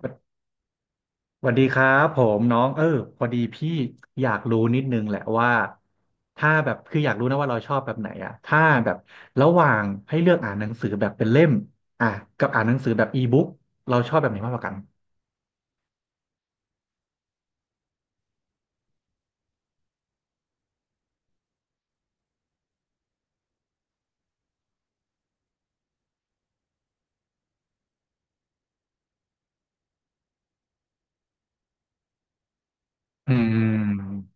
สวัสดีครับผมน้องพอดีพี่อยากรู้นิดนึงแหละว่าถ้าแบบคืออยากรู้นะว่าเราชอบแบบไหนอะถ้าแบบระหว่างให้เลือกอ่านหนังสือแบบเป็นเล่มอ่ะกับอ่านหนังสือแบบอีบุ๊กเราชอบแบบไหนมากกว่ากันอืม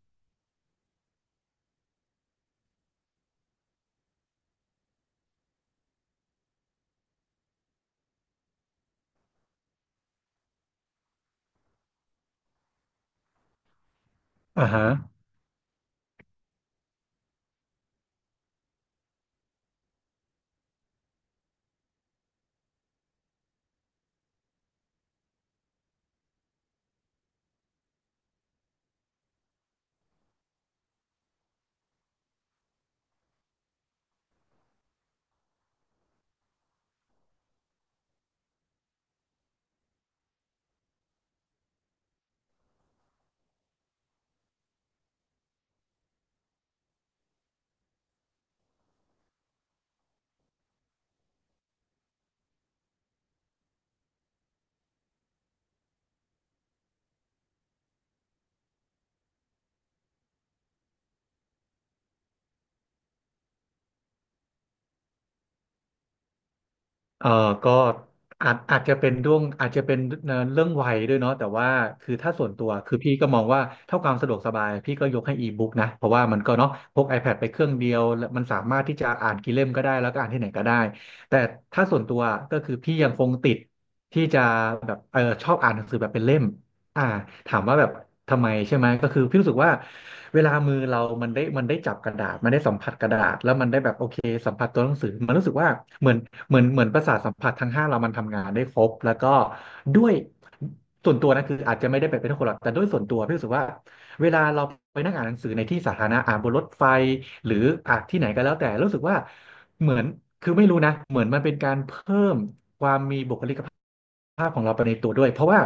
อ่าฮะ เออก็อาจจะเป็นด้วงอาจจะเป็นเรื่องวัยด้วยเนาะแต่ว่าคือถ้าส่วนตัวคือพี่ก็มองว่าเท่าความสะดวกสบายพี่ก็ยกให้อีบุ๊กนะเพราะว่ามันก็เนาะพก iPad ไปเครื่องเดียวแล้วมันสามารถที่จะอ่านกี่เล่มก็ได้แล้วก็อ่านที่ไหนก็ได้แต่ถ้าส่วนตัวก็คือพี่ยังคงติดที่จะแบบชอบอ่านหนังสือแบบเป็นเล่ม อ่าถามว่าแบบทำไมใช่ไหมก็คือพี่รู้สึกว่าเวลามือเรา มันได้จับกระดาษมันได้สัมผัสกระดาษแล้วมันได้แบบโอเคสัมผัสตัวหนังสือมันรู้สึกว่าเหมือนเหมือนประสาทสัมผัสทั้งห้าเรามันทำงานได้ครบแล้วก็ด้วยส่วนตัวนะคืออาจจะไม่ได้แบบเป็นคนหรอกแต่ด้วยส่วนตัวพี่รู้สึกว่าเวลาเราไปนั่งอ่านหนังสือในที่สาธารณะอ่านบนรถไฟหรืออ่านที่ไหนก็แล้วแต่รู้สึกว่าเหมือนคือไม่รู้นะเหมือนมันเป็นการเพิ่ม ภาพของเราไปในตัวด้วยเพราะว่า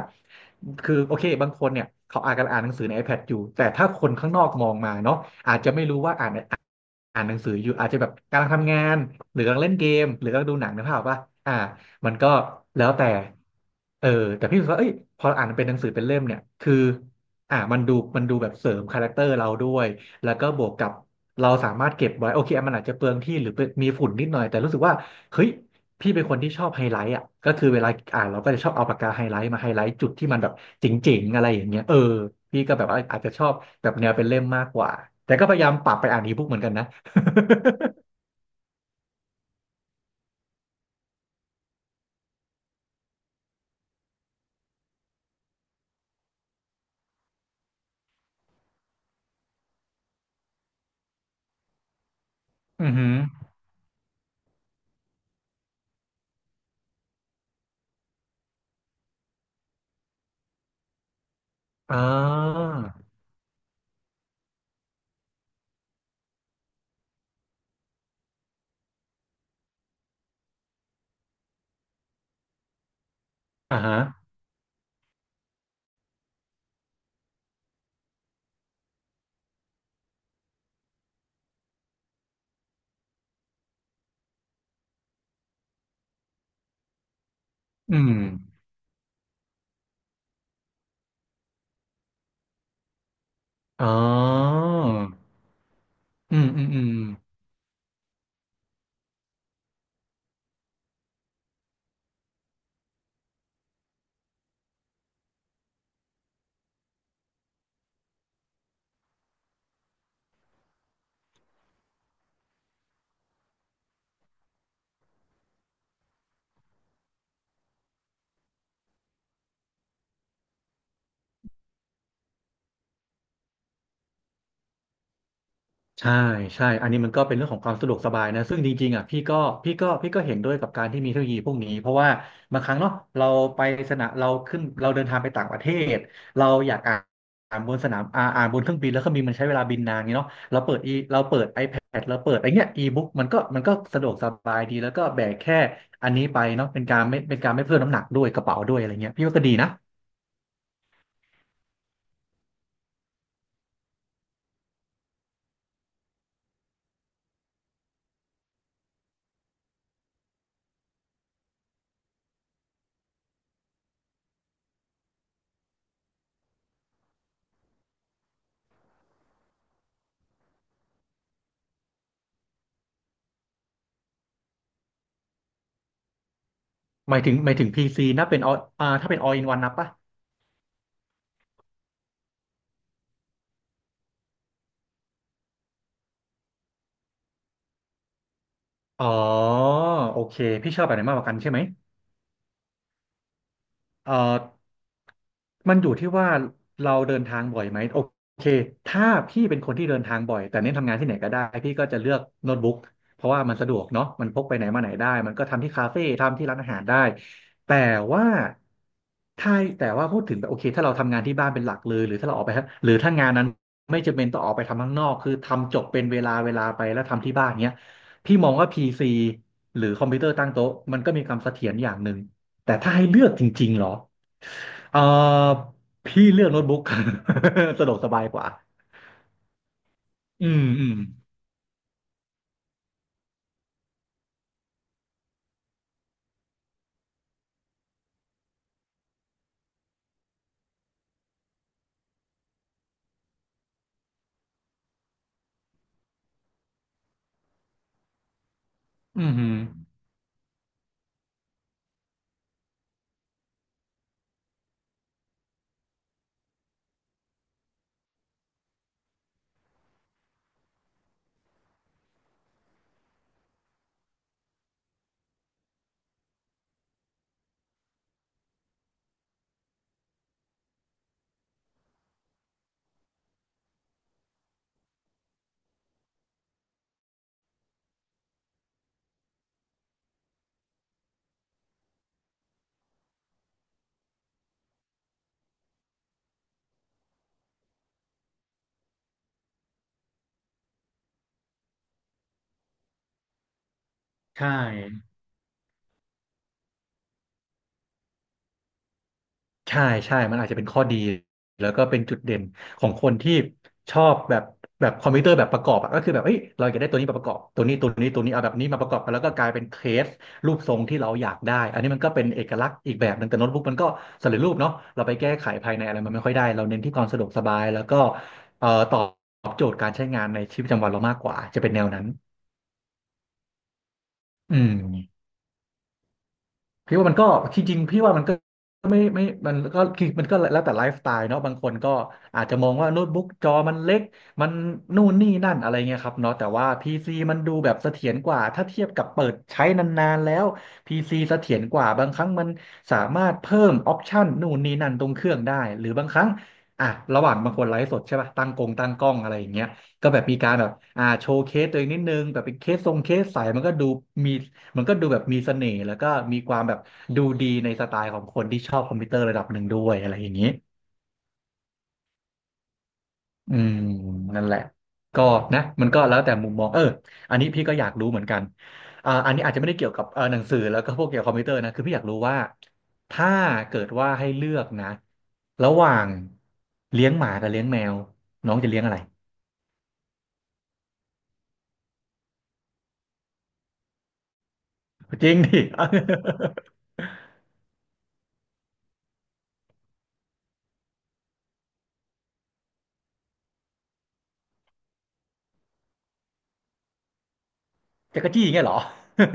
คือโอเคบางคนเนี่ยเขาอาจจะอ่านหนังสือใน iPad อยู่แต่ถ้าคนข้างนอกมองมาเนาะอาจจะไม่รู้ว่าอ่าน อ่านหนังสืออยู่อาจจะแบบกำลังทำงานหรือกำลังเล่นเกมหรือกำลังดูหนังนะพ่อป่ะอ่ามันก็แล้วแต่เออแต่พี่รู้สึกว่าเอ้ยพออ่านเป็นหนังสือเป็นเล่มเนี่ยคืออ่ามันดูแบบเสริมคาแรคเตอร์เราด้วยแล้วก็บวกกับเราสามารถเก็บไว้โอเคอ่ะมันอาจจะเปลืองที่หรือเป็นมีฝุ่นนิดหน่อยแต่รู้สึกว่าเฮ้ยพี่เป็นคนที่ชอบไฮไลท์อ่ะก็คือเวลาอ่านเราก็จะชอบเอาปากกาไฮไลท์มาไฮไลท์จุดที่มันแบบเจ๋งๆอะไรอย่างเงี้ยพี่ก็แบบว่าอาจจะชอบแบบแนวเป็นเล่มมากกว่าแต่ก็พยายามปรับไปอ่านอีบุ๊กเหมือนกันนะ อือหืออ่าอ่าฮะอืมอ๋ออืมอืมอืม ใช่ใช่อันนี้มันก็เป็นเรื่องของความสะดวกสบายนะซึ่งจริงๆอ่ะพี่ก็พี่ก็เห็นด้วยกับการที่มีเทคโนโลยีพวกนี้เพราะว่าบางครั้งเนาะเราไปสนามเราขึ้นเราเดินทางไปต่างประเทศเราอยากอ่านอ่านบนสนามอ่านบนเครื่องบินแล้วเครื่องบินมันใช้เวลาบินนานไงเนาะเราเปิดอีเราเปิด iPad เราเปิดไอเนี้ยอีบุ๊กมันก็สะดวกสบายดีแล้วก็แบกแค่อันนี้ไปเนาะเป็นการไม่เป็นการไม่เพิ่มน้ำหนักด้วยกระเป๋าด้วยอะไรเงี้ยพี่ว่าก็ดีนะหมายถึงพีซีนะเป็นอถ้าเป็น all in one นับปะ อ๋อโอเคพี่ชอบแบบไหนมากกว่ากันใช่ไหม เอ่อมันอยู่ที่ว่าเราเดินทางบ่อยไหมโอเคถ้าพี่เป็นคนที่เดินทางบ่อยแต่เน้นทำงานที่ไหนก็ได้พี่ก็จะเลือกโน้ตบุ๊กเพราะว่ามันสะดวกเนาะมันพกไปไหนมาไหนได้มันก็ทำที่คาเฟ่ทำที่ร้านอาหารได้แต่ว่าถ้าแต่ว่าพูดถึงแบบโอเคถ้าเราทำงานที่บ้านเป็นหลักเลยหรือถ้าเราออกไปฮะหรือถ้างานนั้นไม่จำเป็นต้องออกไปทำข้างนอกคือทำจบเป็นเวลาเวลาไปแล้วทำที่บ้านเนี้ยพี่มองว่าพีซีหรือคอมพิวเตอร์ตั้งโต๊ะมันก็มีความเสถียรอย่างหนึ่ง แต่ถ้าให้เลือกจริงๆเหรอเออพี่เลือกโน้ตบุ๊ก สะดวกสบายกว่าอืมอืมอืือใช่ ใช่ใช่มันอาจจะเป็นข้อดีแล้วก็เป็นจุดเด่นของคนที่ชอบแบบแบบคอมพิวเตอร์แบบประกอบอะก็คือแบบเอ้ยเราอยากได้ตัวนี้มาประกอบตัวนี้ตัวนี้ตัวนี้เอาแบบนี้มาประกอบกันแล้วก็กลายเป็นเคสรูปทรงที่เราอยากได้อันนี้มันก็เป็นเอกลักษณ์อีกแบบหนึ่งแต่โน้ตบุ๊กมันก็สำเร็จรูปเนาะเราไปแก้ไขภายในอะไรมันไม่ค่อยได้เราเน้นที่ความสะดวกสบายแล้วก็ตอบโจทย์การใช้งานในชีวิตประจำวันเรามากกว่าจะเป็นแนวนั้นอืม พี่ว่ามันก็จริงๆพี่ว่ามันก็ไม่มันก็คือมันก็แล้วแต่ไลฟ์สไตล์เนาะบางคนก็อาจจะมองว่าโน้ตบุ๊กจอมันเล็กมันนู่นนี่นั่นอะไรเงี้ยครับเนาะแต่ว่า PC มันดูแบบเสถียรกว่าถ้าเทียบกับเปิดใช้นานๆแล้ว PC เสถียรกว่าบางครั้งมันสามารถเพิ่มออปชันนู่นนี่นั่นตรงเครื่องได้หรือบางครั้งอ่ะระหว่างบางคนไลฟ์สดใช่ป่ะตั้งกงตั้งกล้องอะไรอย่างเงี้ยก็แบบมีการแบบอ่าโชว์เคสตัวเองนิดนึงแบบเป็นเคสทรงเคสใสมันก็ดูมี มันก็ดูแบบมีเสน่ห์แล้วก็มีความแบบดูดีในสไตล์ของคนที่ชอบคอมพิวเตอร์ระดับหนึ่งด้วยอะไรอย่างนี้อืมนั่นแหละก็นะมันก็แล้วแต่มุมมองอันนี้พี่ก็อยากรู้เหมือนกันอ่าอันนี้อาจจะไม่ได้เกี่ยวกับหนังสือแล้วก็พวกเกี่ยวกับคอมพิวเตอร์นะคือพี่อยากรู้ว่าถ้าเกิดว่าให้เลือกนะระหว่างเลี้ยงหมากับเลี้ยงแมวน้องจะเลี้ยงอะไรจริงดิ จักรจี้อย่างเงี้ยเหรอ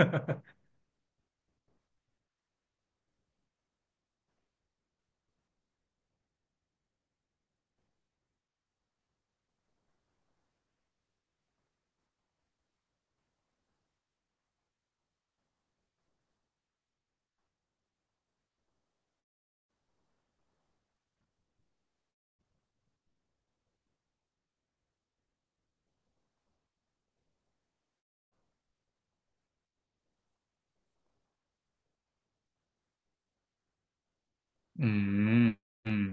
อืมอืม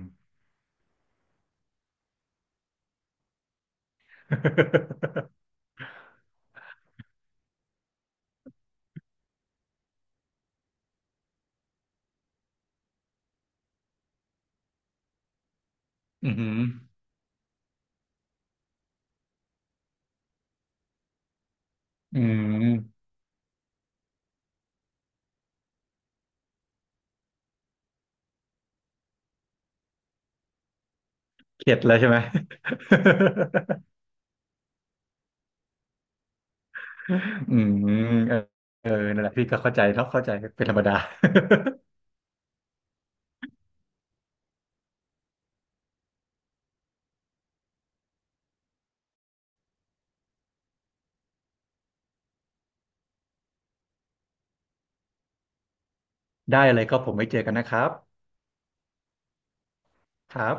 อืม อืมเข็ดแล้วใช่ไหม อืมเออเออนั่นแหละพี่ก็เข้าใจเนาะเข้าใจเป็นธรรมดา ได้เลยก็ผมไว้เจอกันนะครับครับ